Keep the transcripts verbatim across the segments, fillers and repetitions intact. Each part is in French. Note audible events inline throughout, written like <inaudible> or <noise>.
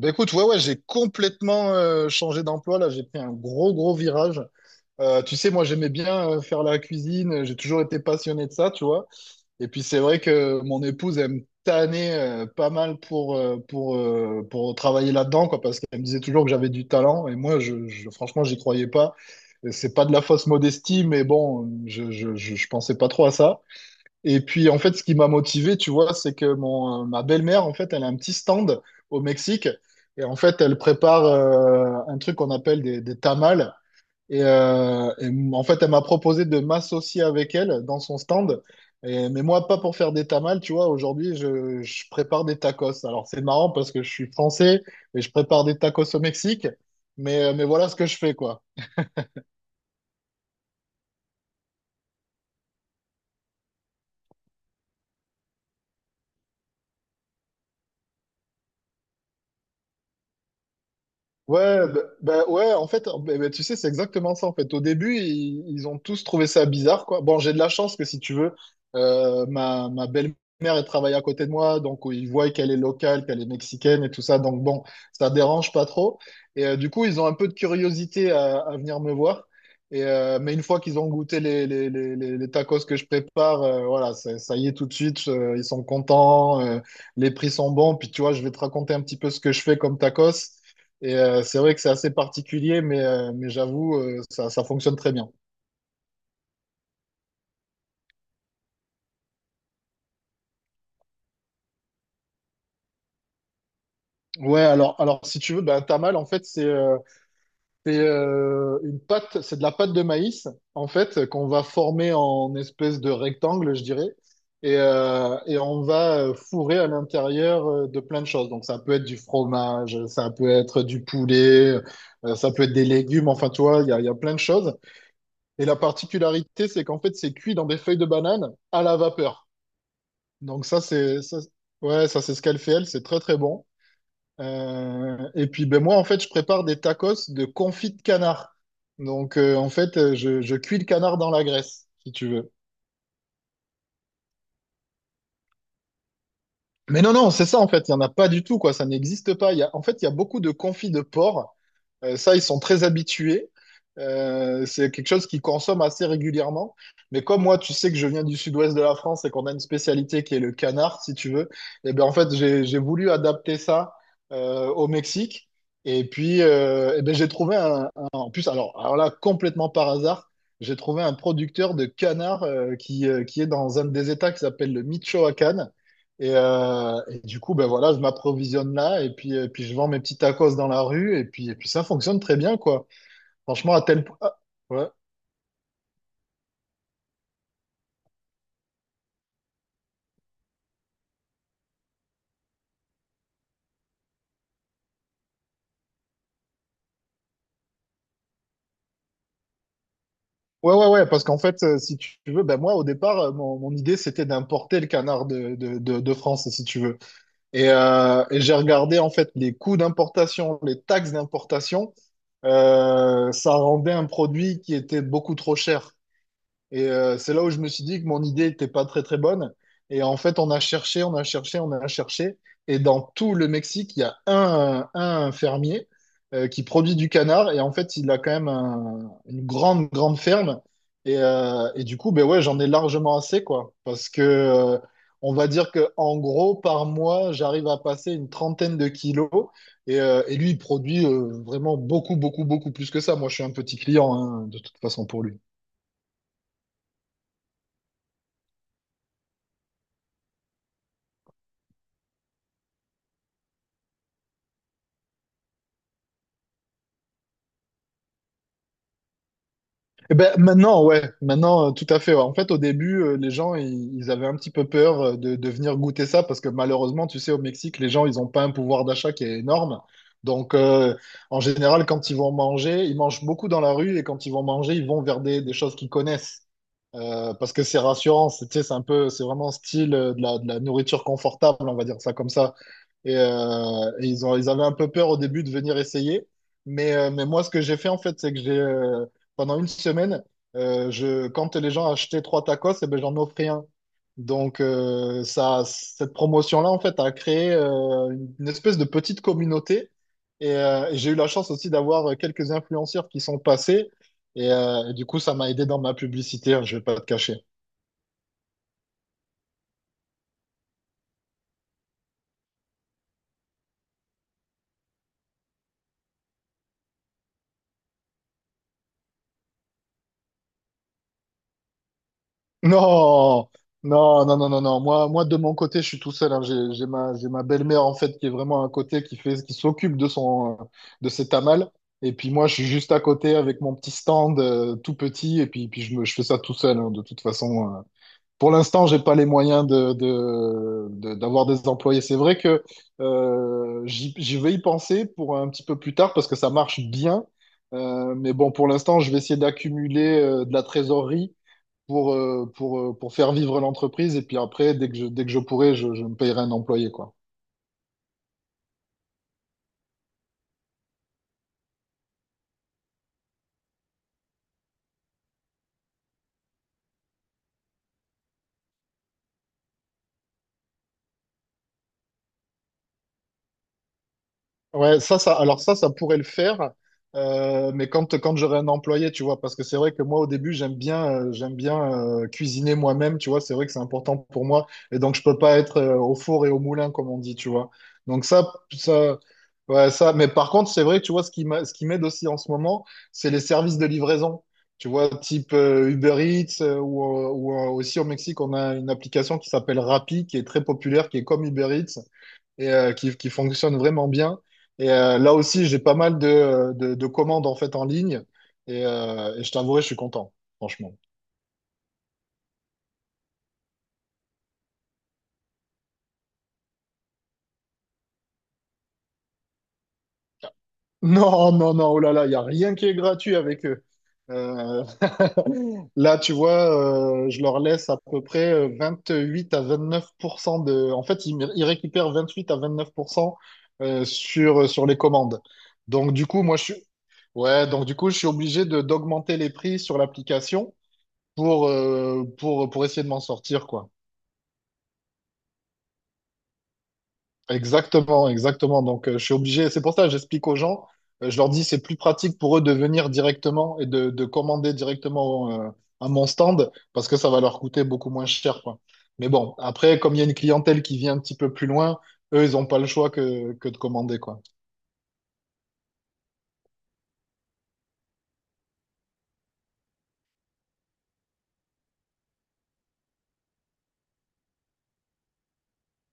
Bah écoute, ouais, ouais, j'ai complètement euh, changé d'emploi. Là, j'ai pris un gros, gros virage. Euh, tu sais, moi, j'aimais bien euh, faire la cuisine. J'ai toujours été passionné de ça, tu vois. Et puis, c'est vrai que mon épouse, elle me tannait euh, pas mal pour, euh, pour, euh, pour travailler là-dedans, quoi, parce qu'elle me disait toujours que j'avais du talent. Et moi, je, je, franchement, j'y croyais pas. Et c'est pas de la fausse modestie, mais bon, je, je, je, je pensais pas trop à ça. Et puis, en fait, ce qui m'a motivé, tu vois, c'est que mon, euh, ma belle-mère, en fait, elle a un petit stand au Mexique. Et en fait, elle prépare euh, un truc qu'on appelle des, des tamales. Et, euh, et m- en fait, elle m'a proposé de m'associer avec elle dans son stand. Et- mais moi, pas pour faire des tamales, tu vois. Aujourd'hui, je, je prépare des tacos. Alors, c'est marrant parce que je suis français et je prépare des tacos au Mexique. Mais, euh, mais voilà ce que je fais, quoi. Ouais, bah, bah ouais, en fait, bah, bah, tu sais, c'est exactement ça, en fait. Au début, ils, ils ont tous trouvé ça bizarre, quoi. Bon, j'ai de la chance que, si tu veux, euh, ma, ma belle-mère, elle travaille à côté de moi, donc euh, ils voient qu'elle est locale, qu'elle est mexicaine et tout ça, donc bon, ça dérange pas trop. Et euh, du coup, ils ont un peu de curiosité à, à venir me voir. Et, euh, mais une fois qu'ils ont goûté les, les, les, les les tacos que je prépare, euh, voilà, ça, ça y est tout de suite, euh, ils sont contents, euh, les prix sont bons. Puis tu vois, je vais te raconter un petit peu ce que je fais comme tacos. Et euh, c'est vrai que c'est assez particulier, mais, euh, mais j'avoue, euh, ça, ça fonctionne très bien. Ouais, alors, alors si tu veux, ben, tamal, en fait, c'est euh, c'est, euh, une pâte, c'est de la pâte de maïs, en fait, qu'on va former en espèce de rectangle, je dirais. Et, euh, et on va euh, fourrer à l'intérieur euh, de plein de choses. Donc, ça peut être du fromage, ça peut être du poulet, euh, ça peut être des légumes. Enfin, tu vois, il y a, il y a plein de choses. Et la particularité, c'est qu'en fait, c'est cuit dans des feuilles de banane à la vapeur. Donc ça, c'est ça, ouais, ça c'est ce qu'elle fait elle, c'est très très bon. Euh, et puis ben moi en fait, je prépare des tacos de confit de canard. Donc euh, en fait, euh, je, je cuis le canard dans la graisse, si tu veux. Mais non non, c'est ça en fait, il y en a pas du tout quoi, ça n'existe pas. Il y a, en fait, il y a beaucoup de confit de porc. Euh, ça, ils sont très habitués. Euh, c'est quelque chose qu'ils consomment assez régulièrement. Mais comme moi, tu sais que je viens du sud-ouest de la France et qu'on a une spécialité qui est le canard, si tu veux, et bien en fait, j'ai, j'ai voulu adapter ça euh, au Mexique. Et puis, euh, eh ben, j'ai trouvé un, un- en plus, alors, alors là, complètement par hasard, j'ai trouvé un producteur de canard euh, qui, euh, qui est dans un des États qui s'appelle le Michoacán. Et, euh, et du coup, ben voilà, je m'approvisionne là et puis, et puis je vends mes petits tacos dans la rue et puis, et puis ça fonctionne très bien, quoi. Franchement, à tel point. Ah, ouais. Ouais, ouais, ouais, parce qu'en fait, euh, si tu veux, ben moi, au départ, euh, mon, mon idée, c'était d'importer le canard de, de, de, de France, si tu veux. Et, euh, et j'ai regardé, en fait, les coûts d'importation, les taxes d'importation. Euh, ça rendait un produit qui était beaucoup trop cher. Et euh, c'est là où je me suis dit que mon idée n'était pas très très bonne. Et en fait, on a cherché, on a cherché, on a cherché. Et dans tout le Mexique, il y a un, un fermier euh, qui produit du canard. Et en fait, il a quand même un- une grande, grande ferme. Et, euh, et du coup, ben ouais, j'en ai largement assez, quoi. Parce que euh, on va dire que en gros, par mois, j'arrive à passer une trentaine de kilos. Et, euh, et lui, il produit euh, vraiment beaucoup, beaucoup, beaucoup plus que ça. Moi, je suis un petit client, hein, de toute façon, pour lui. Eh ben, maintenant, ouais, maintenant, euh, tout à fait. Ouais. En fait, au début, euh, les gens, ils, ils avaient un petit peu peur euh, de, de venir goûter ça parce que malheureusement, tu sais, au Mexique, les gens, ils n'ont pas un pouvoir d'achat qui est énorme. Donc, euh, en général, quand ils vont manger, ils mangent beaucoup dans la rue et quand ils vont manger, ils vont vers des, des choses qu'ils connaissent. Euh, parce que c'est rassurant, c'est tu sais, c'est un peu, c'est vraiment style euh, de la, de la nourriture confortable, on va dire ça comme ça. Et, euh, et ils ont, ils avaient un peu peur au début de venir essayer. Mais, euh, mais moi, ce que j'ai fait, en fait, c'est que j'ai euh, pendant une semaine, euh, je, quand les gens achetaient trois tacos, eh ben, j'en offrais un. Donc, euh, ça, cette promotion-là, en fait, a créé euh, une, une espèce de petite communauté. Et, euh, et j'ai eu la chance aussi d'avoir quelques influenceurs qui sont passés. Et, euh, et du coup, ça m'a aidé dans ma publicité, hein, je vais pas te cacher. Non, non, non, non, non, non. Moi, moi, de mon côté, je suis tout seul, hein. J'ai, j'ai ma, j'ai ma belle-mère en fait qui est vraiment à côté, qui fait, qui s'occupe de son, euh, de ses tamales. Et puis moi, je suis juste à côté avec mon petit stand euh, tout petit. Et puis, puis je me, je fais ça tout seul, hein. De toute façon, euh, pour l'instant, j'ai pas les moyens de, de, de- d'avoir des employés. C'est vrai que euh, j'y, j'y vais y penser pour un petit peu plus tard parce que ça marche bien. Euh, mais bon, pour l'instant, je vais essayer d'accumuler euh, de la trésorerie pour, euh, pour, euh, pour faire vivre l'entreprise. Et puis après, dès que je, dès que je pourrai, je, je me payerai un employé, quoi. Ouais, ça, ça, alors ça, ça pourrait le faire, euh, mais quand, quand j'aurai un employé, tu vois, parce que c'est vrai que moi, au début, j'aime bien, euh, j'aime bien euh, cuisiner moi-même, tu vois, c'est vrai que c'est important pour moi, et donc je peux pas être euh, au four et au moulin, comme on dit, tu vois. Donc ça, ça, ouais, ça, mais par contre, c'est vrai que, tu vois, ce qui m'a- ce qui m'aide aussi en ce moment, c'est les services de livraison, tu vois, type euh, Uber Eats, euh, ou, euh, ou, euh, aussi au Mexique, on a une application qui s'appelle Rappi, qui est très populaire, qui est comme Uber Eats et euh, qui, qui fonctionne vraiment bien. Et euh, là aussi, j'ai pas mal de, de, de commandes en fait en ligne. Et, euh, et je t'avouerai, je suis content, franchement. <laughs> Non, non, non, oh là là, il n'y a rien qui est gratuit avec eux. Euh, Là, tu vois, euh, je leur laisse à peu près euh, vingt-huit à vingt-neuf pour cent de... En fait, ils, ils récupèrent vingt-huit à vingt-neuf pour cent euh, sur, sur les commandes. Donc, du coup, moi, je suis... Ouais, donc du coup, je suis obligé de d'augmenter les prix sur l'application. pour, euh, pour, pour essayer de m'en sortir, quoi. Exactement, exactement. Donc, euh, je suis obligé. C'est pour ça que j'explique aux gens. Euh, je leur dis, c'est plus pratique pour eux de venir directement et de, de commander directement euh, à mon stand parce que ça va leur coûter beaucoup moins cher, quoi. Mais bon, après, comme il y a une clientèle qui vient un petit peu plus loin, eux, ils n'ont pas le choix que, que de commander, quoi.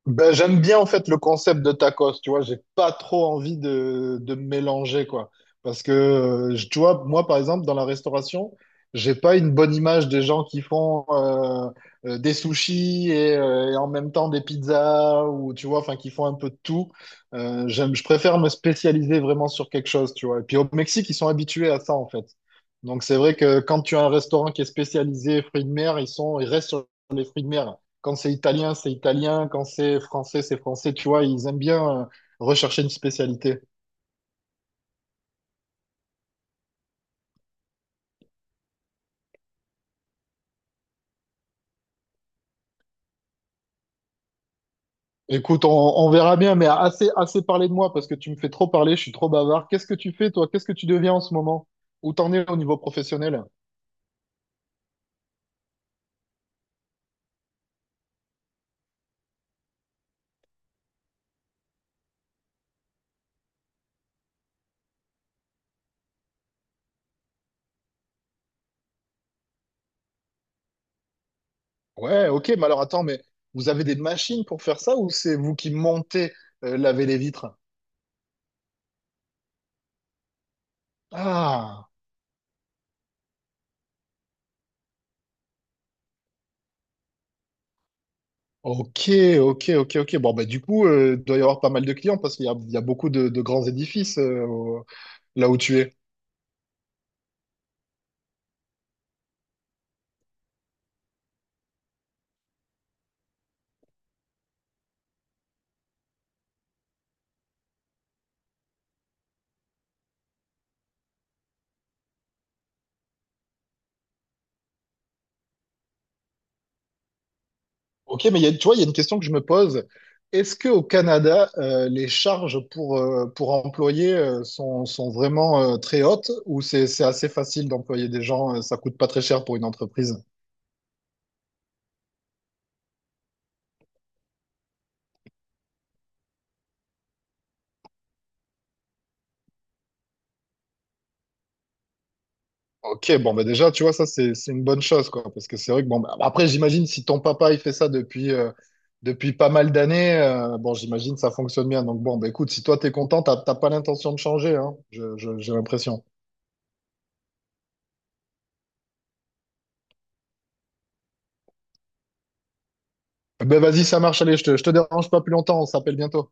Ben, j'aime bien en fait le concept de tacos, tu vois, j'ai pas trop envie de, de me mélanger quoi. Parce que euh, je- tu vois, moi par exemple dans la restauration, j'ai pas une bonne image des gens qui font euh, euh, des sushis et, euh, et en même temps des pizzas ou tu vois, enfin qui font un peu de tout. Euh, j'aime, je préfère me spécialiser vraiment sur quelque chose, tu vois. Et puis au Mexique, ils sont habitués à ça en fait. Donc c'est vrai que quand tu as un restaurant qui est spécialisé fruits de mer, ils sont, ils restent sur les fruits de mer. Quand c'est italien, c'est italien. Quand c'est français, c'est français. Tu vois, ils aiment bien euh, rechercher une spécialité. Écoute, on, on verra bien, mais assez, assez parlé de moi parce que tu me fais trop parler, je suis trop bavard. Qu'est-ce que tu fais, toi? Qu'est-ce que tu deviens en ce moment? Où t'en es au niveau professionnel? Ouais, ok, mais alors attends, mais vous avez des machines pour faire ça ou c'est vous qui montez euh, laver les vitres? Ah! Ok, ok, ok, ok. Bon, bah, du coup, euh, il doit y avoir pas mal de clients parce qu'il y a, il y a beaucoup de, de grands édifices euh, au- là où tu es. Ok, mais il y a, tu vois, il y a une question que je me pose. Est-ce que au Canada, euh, les charges pour, euh, pour employer euh, sont, sont vraiment euh, très hautes ou c'est, c'est assez facile d'employer des gens, euh, ça coûte pas très cher pour une entreprise? Ok, bon, bah déjà, tu vois, ça, c'est c'est une bonne chose, quoi. Parce que c'est vrai que, bon, bah, après, j'imagine, si ton papa, il fait ça depuis, euh, depuis pas mal d'années, euh, bon, j'imagine, ça fonctionne bien. Donc, bon, bah écoute, si toi, t'es content, t'as t'as pas l'intention de changer, hein, je, je- j'ai l'impression. Ben, vas-y, ça marche, allez, je te, je te dérange pas plus longtemps, on s'appelle bientôt.